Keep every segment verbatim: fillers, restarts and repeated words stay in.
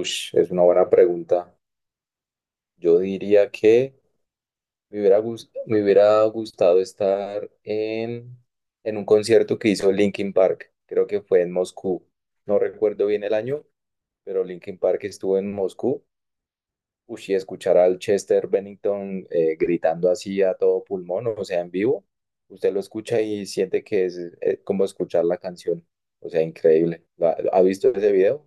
Ush, es una buena pregunta. Yo diría que me hubiera, gus- me hubiera gustado estar en, en un concierto que hizo Linkin Park. Creo que fue en Moscú. No recuerdo bien el año, pero Linkin Park estuvo en Moscú. Ush, y escuchar al Chester Bennington eh, gritando así a todo pulmón, o sea, en vivo. Usted lo escucha y siente que es eh, como escuchar la canción. O sea, increíble. ¿La- ¿Ha visto ese video?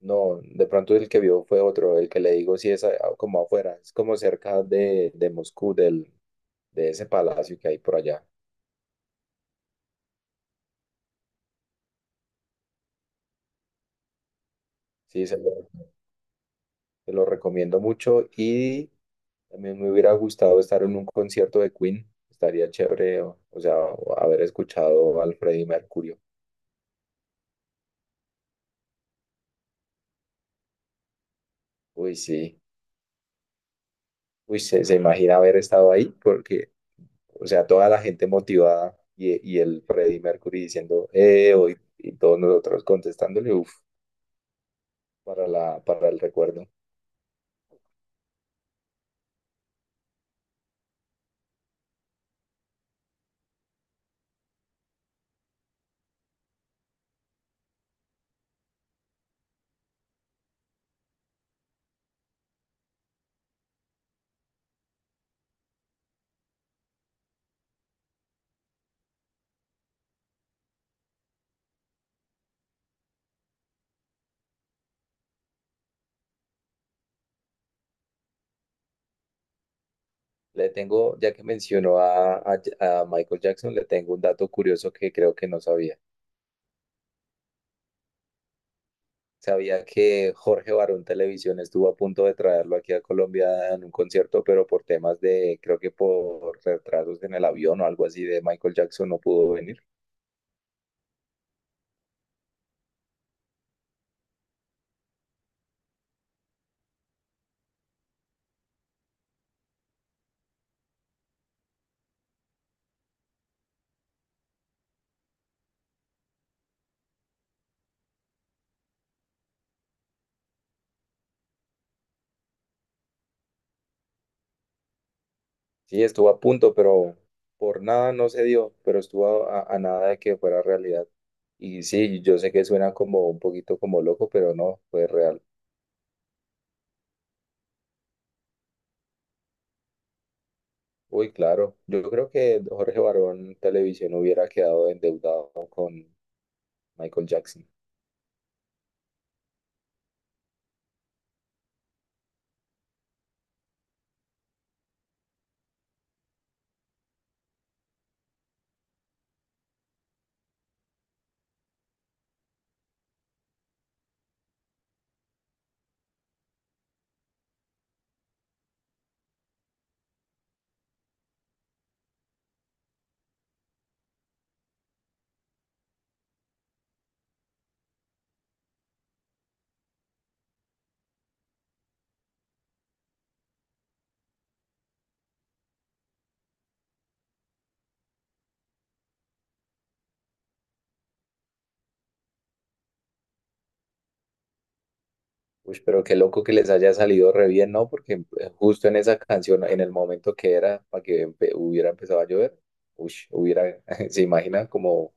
No, de pronto el que vio fue otro, el que le digo sí es a- a- como afuera, es como cerca de, de Moscú, del, de ese palacio que hay por allá. Sí, se lo, se lo recomiendo mucho y también me hubiera gustado estar en un concierto de Queen, estaría chévere, o, o sea, o haber escuchado al Freddie Mercury. Uy, sí, uy, se, se imagina haber estado ahí porque, o sea, toda la gente motivada y, y el Freddie Mercury diciendo, eh, hoy, y todos nosotros contestándole, uff, para la, para el recuerdo. Le tengo, ya que mencionó a, a- a Michael Jackson, le tengo un dato curioso que creo que no sabía. Sabía que Jorge Barón Televisión estuvo a punto de traerlo aquí a Colombia en un concierto, pero por temas de, creo que por retrasos en el avión o algo así de Michael Jackson no pudo venir. Sí, estuvo a punto, pero por nada no se dio, pero estuvo a, a nada de que fuera realidad. Y sí, yo sé que suena como un poquito como loco, pero no, fue real. Uy, claro. Yo creo que Jorge Barón Televisión hubiera quedado endeudado con Michael Jackson. Uy, pero qué loco que les haya salido re bien, ¿no? Porque eh, justo en esa canción, en el momento que era para que empe- hubiera empezado a llover, uy, hubiera, ¿se imagina como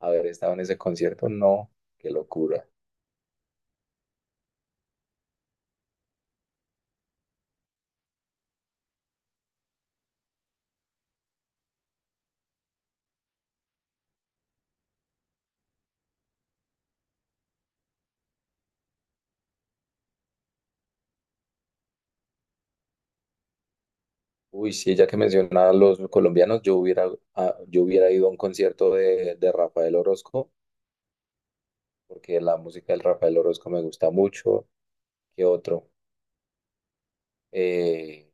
haber estado en ese concierto? No, qué locura. Uy, sí, ya que mencionaba a los colombianos, yo hubiera, a- yo hubiera ido a un concierto de, de Rafael Orozco, porque la música del Rafael Orozco me gusta mucho. ¿Qué otro? Eh,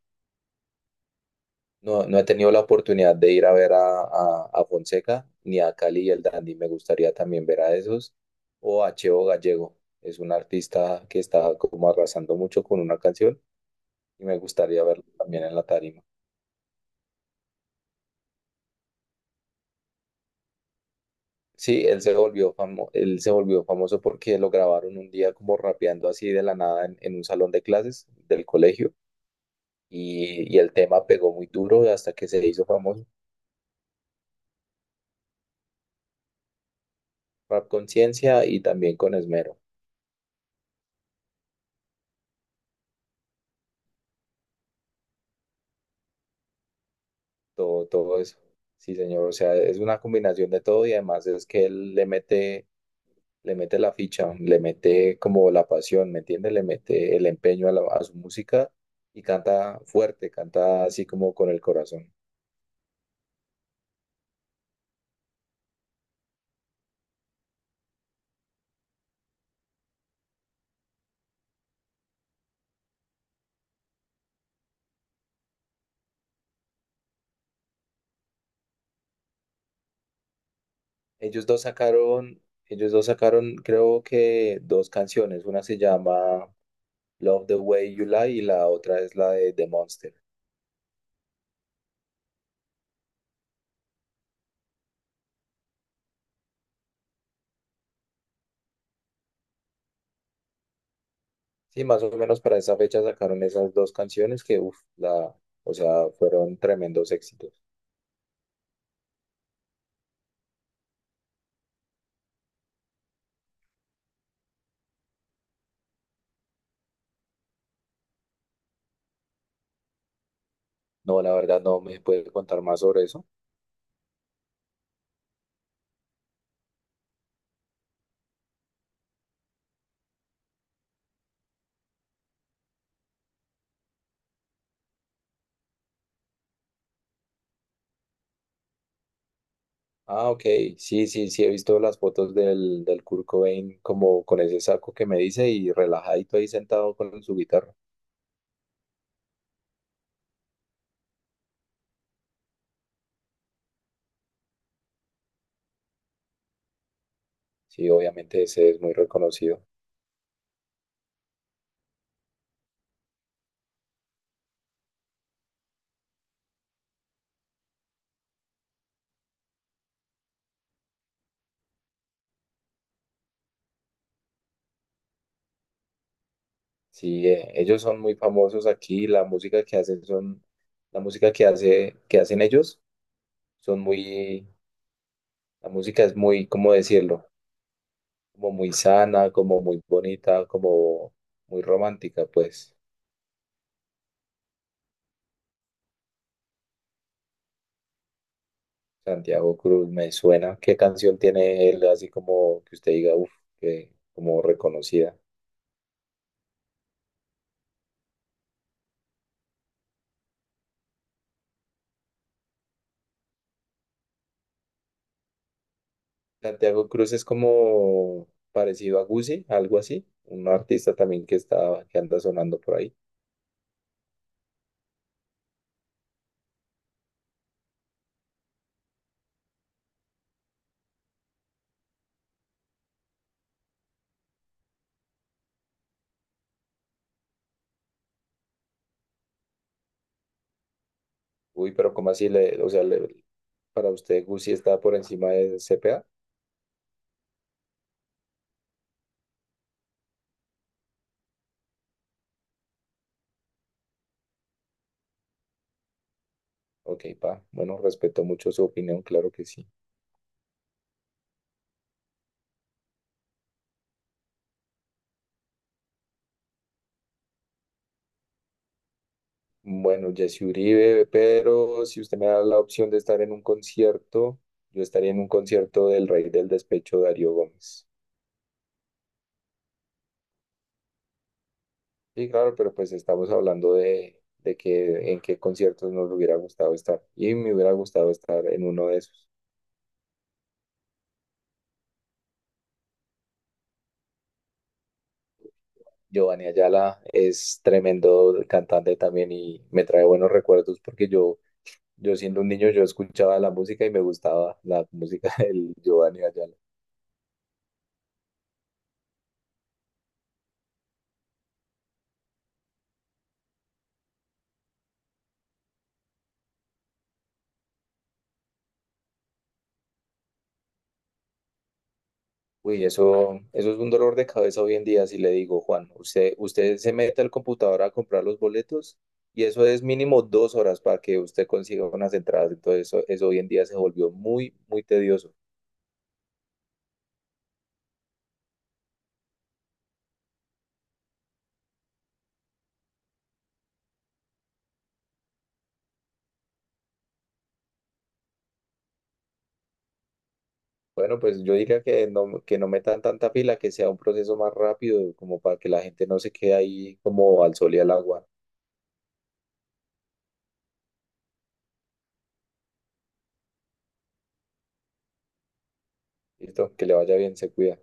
No, no he tenido la oportunidad de ir a ver a, a- a Fonseca ni a Cali y el Dandy. Me gustaría también ver a esos. O a Cheo Gallego. Es un artista que está como arrasando mucho con una canción y me gustaría verlo también en la tarima. Sí, él se volvió famo- él se volvió famoso porque lo grabaron un día como rapeando así de la nada en, en un salón de clases del colegio y, y el tema pegó muy duro hasta que se hizo famoso. Rap Conciencia y también con Esmero. Todo, todo eso. Sí, señor, o sea, es una combinación de todo y además es que él le mete, le mete la ficha, le mete como la pasión, ¿me entiende? Le mete el empeño a, la- a su música y canta fuerte, canta así como con el corazón. Ellos dos sacaron, ellos dos sacaron, creo que dos canciones, una se llama Love the Way You Lie y la otra es la de The Monster. Sí, más o menos para esa fecha sacaron esas dos canciones que, uff, la, o sea, fueron tremendos éxitos. No, la verdad no me puede contar más sobre eso. Ah, ok. Sí, sí, sí, he visto las fotos del, del Kurt Cobain como con ese saco que me dice y relajadito ahí sentado con su guitarra. Sí, obviamente ese es muy reconocido. Sí, eh, ellos son muy famosos aquí. La música que hacen son, la música que hace, que hacen ellos son muy, la música es muy, ¿cómo decirlo? Como muy sana, como muy bonita, como muy romántica, pues. Santiago Cruz, me suena. ¿Qué canción tiene él así como que usted diga, uff, que como reconocida? Santiago Cruz es como parecido a Guzzi, algo así, un artista también que está, que anda sonando por ahí. Uy, pero ¿cómo así le, o sea, le- para usted Guzzi está por encima de C P A? Ok, pa, bueno, respeto mucho su opinión, claro que sí. Bueno, Jesse Uribe, pero si usted me da la opción de estar en un concierto, yo estaría en un concierto del Rey del Despecho, Darío Gómez. Sí, claro, pero pues estamos hablando de, de que en qué conciertos nos hubiera gustado estar. Y me hubiera gustado estar en uno de esos. Giovanni Ayala es tremendo cantante también y me trae buenos recuerdos porque yo, yo siendo un niño, yo escuchaba la música y me gustaba la música del Giovanni Ayala. Uy, eso, eso es un dolor de cabeza hoy en día, si le digo, Juan, usted, usted se mete al computador a comprar los boletos y eso es mínimo dos horas para que usted consiga unas entradas. Entonces, eso, eso hoy en día se volvió muy, muy tedioso. Bueno, pues yo diría que no, que no metan tanta fila, que sea un proceso más rápido, como para que la gente no se quede ahí como al sol y al agua. Listo, que le vaya bien, se cuida.